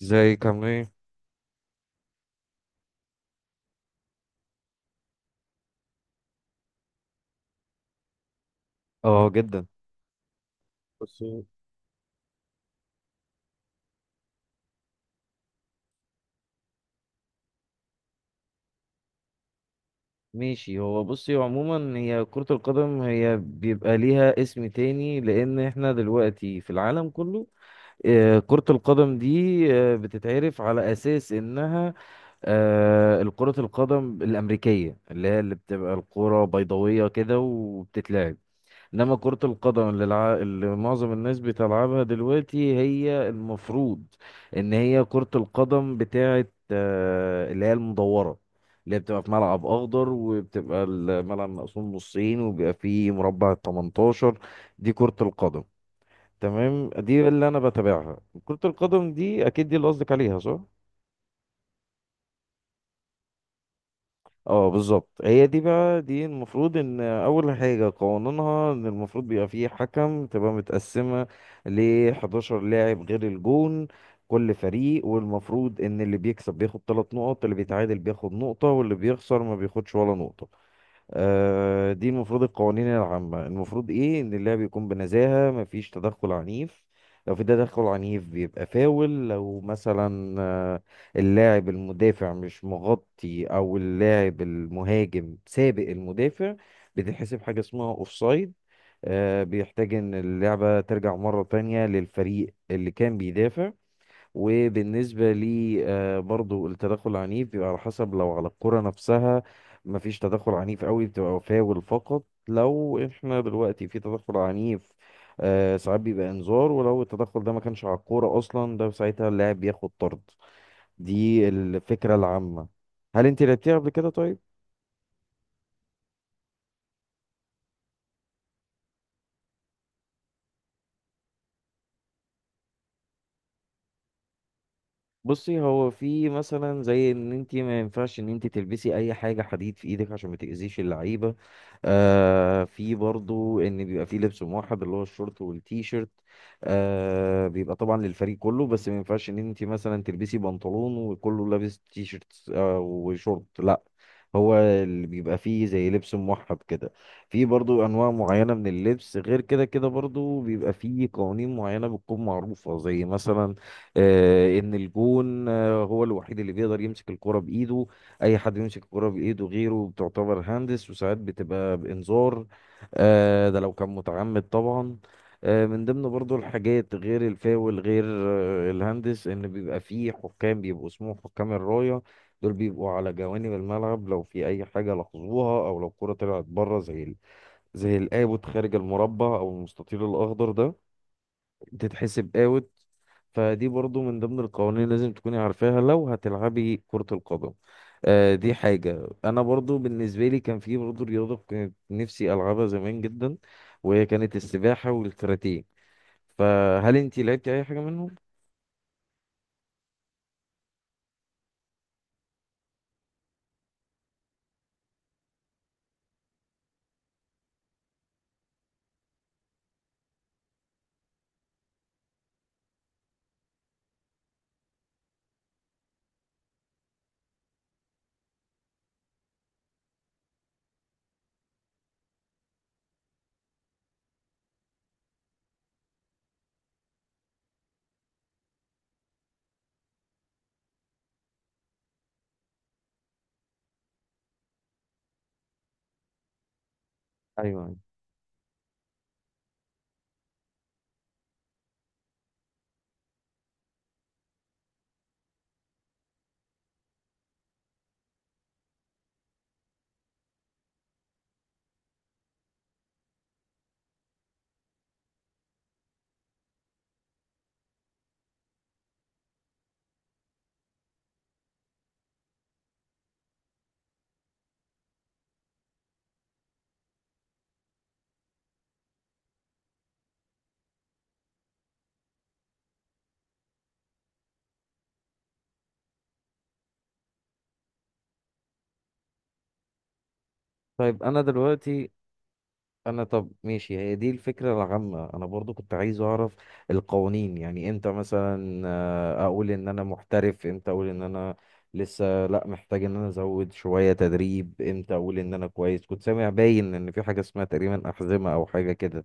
زي كمان. اه، جدا. بصي. ماشي، هو بصي عموما هي كرة القدم هي بيبقى ليها اسم تاني، لأن احنا دلوقتي في العالم كله كرة القدم دي بتتعرف على أساس إنها الكرة القدم الأمريكية، اللي هي اللي بتبقى الكرة بيضاوية كده وبتتلعب. انما كرة القدم اللي معظم الناس بتلعبها دلوقتي هي المفروض ان هي كرة القدم بتاعه اللي هي المدورة، اللي هي بتبقى في ملعب اخضر وبتبقى الملعب مقسوم نصين وبيبقى فيه مربع 18. دي كرة القدم، تمام، دي اللي انا بتابعها. كرة القدم دي اكيد دي اللي قصدك عليها صح؟ اه بالظبط هي دي بقى. دي المفروض ان اول حاجه قانونها ان المفروض بيبقى فيه حكم، تبقى متقسمه ل 11 لاعب غير الجون كل فريق. والمفروض ان اللي بيكسب بياخد 3 نقط، اللي بيتعادل بياخد نقطه، واللي بيخسر ما بياخدش ولا نقطه. دي المفروض القوانين العامة. المفروض ايه، ان اللعب يكون بنزاهة، مفيش تدخل عنيف. لو في تدخل عنيف بيبقى فاول. لو مثلا اللاعب المدافع مش مغطي او اللاعب المهاجم سابق المدافع بتتحسب حاجة اسمها اوفسايد. بيحتاج ان اللعبة ترجع مرة تانية للفريق اللي كان بيدافع. وبالنسبة لي برضو التدخل العنيف بيبقى على حسب، لو على الكرة نفسها مفيش تدخل عنيف قوي بتبقى فاول فقط. لو احنا دلوقتي في تدخل عنيف ساعات بيبقى انذار، ولو التدخل ده ما كانش على الكورة أصلا ده ساعتها اللاعب بياخد طرد. دي الفكرة العامة. هل انت لعبتيها قبل كده طيب؟ بصي، هو في مثلا زي ان انت ما ينفعش ان انت تلبسي اي حاجه حديد في ايدك عشان ما تاذيش اللعيبه. آه، في برضو ان بيبقى في لبس موحد اللي هو الشورت والتي شيرت. آه بيبقى طبعا للفريق كله، بس ما ينفعش ان انت مثلا تلبسي بنطلون وكله لابس تي شيرت آه وشورت، لا، هو اللي بيبقى فيه زي لبس موحد كده. في برضو انواع معينه من اللبس غير كده. كده برضو بيبقى فيه قوانين معينه بتكون معروفه، زي مثلا ان الجون هو الوحيد اللي بيقدر يمسك الكرة بايده. اي حد يمسك الكرة بايده غيره بتعتبر هندس، وساعات بتبقى بانذار. ده لو كان متعمد طبعا. من ضمن برضو الحاجات غير الفاول، غير الهندس، ان بيبقى فيه حكام بيبقوا اسمهم حكام الراية. دول بيبقوا على جوانب الملعب لو في اي حاجة لاحظوها او لو الكرة طلعت بره، زي زي القابض خارج المربع او المستطيل الاخضر ده تتحسب اوت. فدي برضو من ضمن القوانين اللي لازم تكوني عارفاها لو هتلعبي كرة القدم. آه دي حاجة. أنا برضو بالنسبة لي كان في برضو رياضة كنت نفسي ألعبها زمان جدا، وهي كانت السباحة والكاراتيه. فهل أنتي لعبتي أي حاجة منهم؟ أيوة. طيب أنا دلوقتي انا طب ماشي، هي دي الفكره العامه. انا برضو كنت عايز اعرف القوانين. يعني امتى مثلا اقول ان انا محترف، امتى اقول ان انا لسه لا، محتاج ان انا ازود شويه تدريب، امتى اقول ان انا كويس. كنت سامع باين ان في حاجه اسمها تقريبا احزمه او حاجه كده.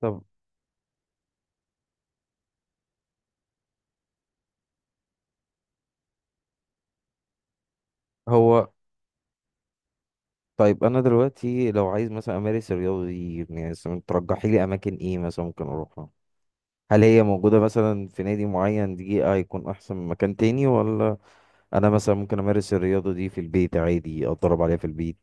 طب هو طيب انا دلوقتي لو عايز مثلا امارس الرياضه دي، يعني مثلاً ترجحي لي اماكن ايه مثلا ممكن اروحها؟ هل هي موجوده مثلا في نادي معين، دي هيكون احسن من مكان تاني؟ ولا انا مثلا ممكن امارس الرياضه دي في البيت عادي، اتدرب عليها في البيت؟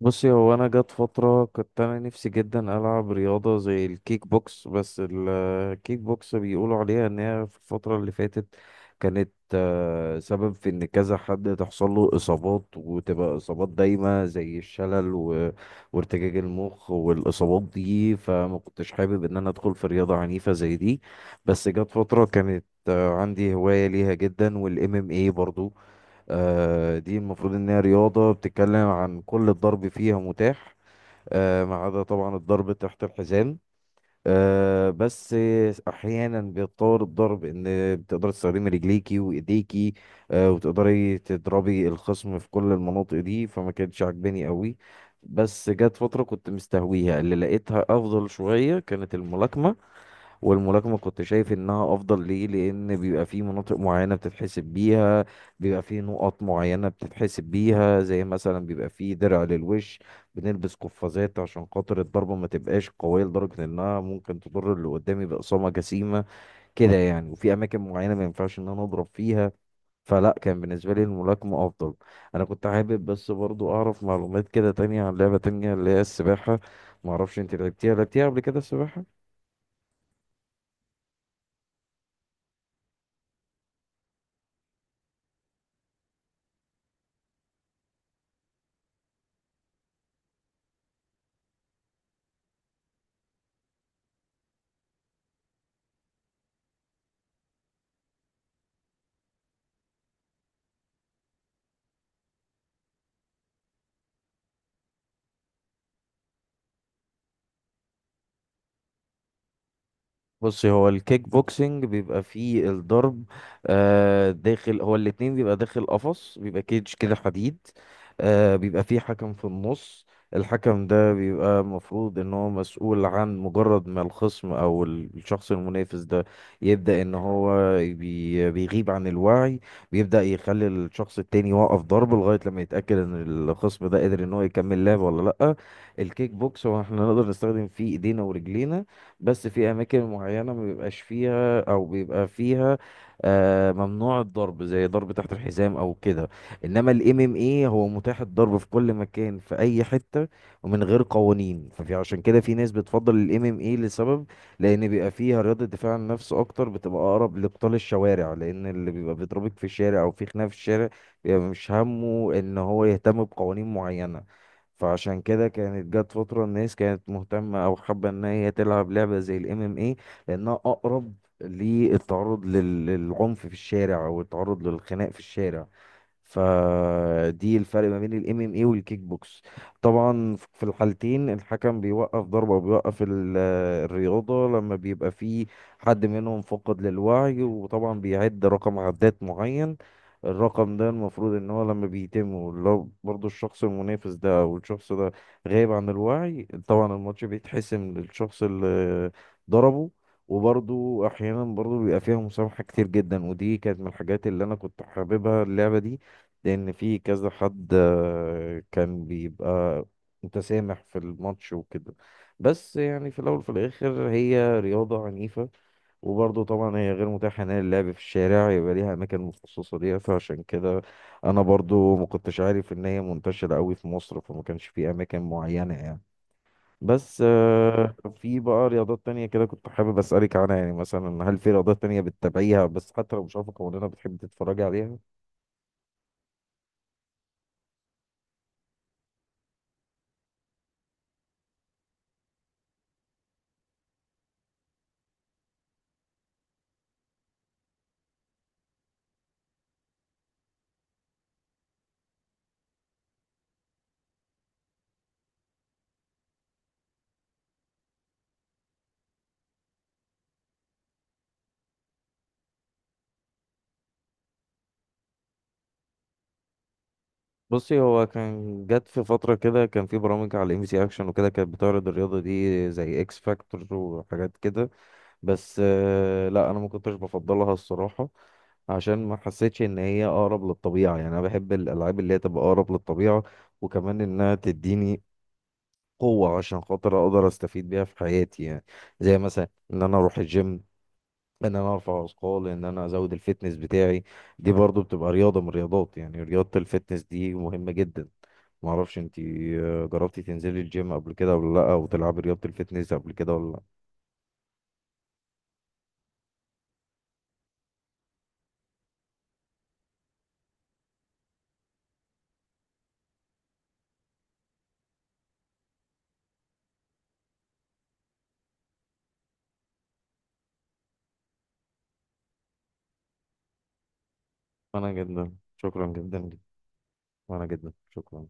بصي، هو انا جت فتره كنت انا نفسي جدا العب رياضه زي الكيك بوكس، بس الكيك بوكس بيقولوا عليها ان هي في الفتره اللي فاتت كانت سبب في ان كذا حد تحصل له اصابات وتبقى اصابات دايمه زي الشلل وارتجاج المخ والاصابات دي، فما كنتش حابب ان انا ادخل في رياضه عنيفه زي دي. بس جت فتره كانت عندي هوايه ليها جدا، والام ام اي برضو دي المفروض إن هي رياضة بتتكلم عن كل الضرب فيها متاح، ما عدا طبعا الضرب تحت الحزام. بس أحيانا بيتطور الضرب إن بتقدر تستخدمي رجليكي وإيديكي، وتقدري تضربي الخصم في كل المناطق دي، فما كانتش عاجباني قوي. بس جت فترة كنت مستهويها، اللي لقيتها أفضل شوية كانت الملاكمة. والملاكمة كنت شايف انها افضل ليه؟ لان بيبقى في مناطق معينة بتتحسب بيها، بيبقى في نقط معينة بتتحسب بيها، زي مثلا بيبقى في درع للوش، بنلبس قفازات عشان خاطر الضربة ما تبقاش قوية لدرجة انها ممكن تضر اللي قدامي بإصابة جسيمة، كده يعني. وفي اماكن معينة ما ينفعش ان انا اضرب فيها. فلا، كان بالنسبة لي الملاكمة أفضل. أنا كنت حابب بس برضو أعرف معلومات كده تانية عن لعبة تانية اللي هي السباحة. معرفش أنت لعبتيها قبل كده السباحة؟ بصي، هو الكيك بوكسنج بيبقى فيه الضرب آه داخل. هو الاتنين بيبقى داخل قفص، بيبقى كيج كده حديد. آه بيبقى فيه حكم في النص. الحكم ده بيبقى المفروض ان هو مسؤول عن مجرد ما الخصم او الشخص المنافس ده يبدأ ان هو بيغيب عن الوعي، بيبدأ يخلي الشخص التاني يوقف ضرب لغاية لما يتأكد ان الخصم ده قادر ان هو يكمل لعب ولا لأ. الكيك بوكس هو احنا نقدر نستخدم فيه ايدينا ورجلينا، بس في اماكن معينه ما بيبقاش فيها او بيبقى فيها ممنوع الضرب، زي ضرب تحت الحزام او كده. انما الام ام اي هو متاح الضرب في كل مكان، في اي حته، ومن غير قوانين. ففي عشان كده في ناس بتفضل الام ام اي لسبب لان بيبقى فيها رياضه دفاع عن النفس اكتر، بتبقى اقرب لقتال الشوارع، لان اللي بيبقى بيضربك في الشارع او في خناقه في الشارع بيبقى مش همه ان هو يهتم بقوانين معينه. فعشان كده كانت جت فترة الناس كانت مهتمة أو حابة إن هي تلعب لعبة زي ال MMA، لأنها أقرب للتعرض للعنف في الشارع أو التعرض للخناق في الشارع. فدي الفرق ما بين الام ام اي والكيك بوكس. طبعا في الحالتين الحكم بيوقف ضربة وبيوقف الرياضة لما بيبقى في حد منهم فقد للوعي، وطبعا بيعد رقم عدات معين. الرقم ده المفروض ان هو لما بيتم، لو برضو الشخص المنافس ده او الشخص ده غايب عن الوعي، طبعا الماتش بيتحسم للشخص اللي ضربه. وبرضو احيانا برضو بيبقى فيها مسامحة كتير جدا، ودي كانت من الحاجات اللي انا كنت حاببها اللعبة دي، لان في كذا حد كان بيبقى متسامح في الماتش وكده. بس يعني في الاول وفي الاخر هي رياضه عنيفه، وبرضه طبعا هي غير متاحه ان هي اللعب في الشارع، يبقى ليها اماكن مخصصه ليها. فعشان كده انا برضه ما كنتش عارف ان هي منتشره قوي في مصر، فما كانش في اماكن معينه يعني. بس في بقى رياضات تانية كده كنت حابب أسألك عنها. يعني مثلا هل في رياضات تانية بتتابعيها، بس حتى لو مش عارفة قوانينها بتحب تتفرجي عليها؟ بصي، هو كان جت في فترة كده كان في برامج على ام سي اكشن وكده كانت بتعرض الرياضة دي زي اكس فاكتور وحاجات كده. بس لا انا ما كنتش بفضلها الصراحة. عشان ما حسيتش ان هي اقرب للطبيعة، يعني انا بحب الالعاب اللي هي تبقى اقرب للطبيعة، وكمان انها تديني قوة عشان خاطر اقدر استفيد بيها في حياتي، يعني زي مثلا ان انا اروح الجيم، ان انا ارفع اثقال، ان انا ازود الفتنس بتاعي. دي برضو بتبقى رياضه من الرياضات، يعني رياضه الفتنس دي مهمه جدا. ما اعرفش انت جربتي تنزلي الجيم قبل كده ولا لا، او تلعبي رياضه الفتنس قبل كده ولا لا؟ انا جدا شكرا جدا جدا. وانا جدا شكرا.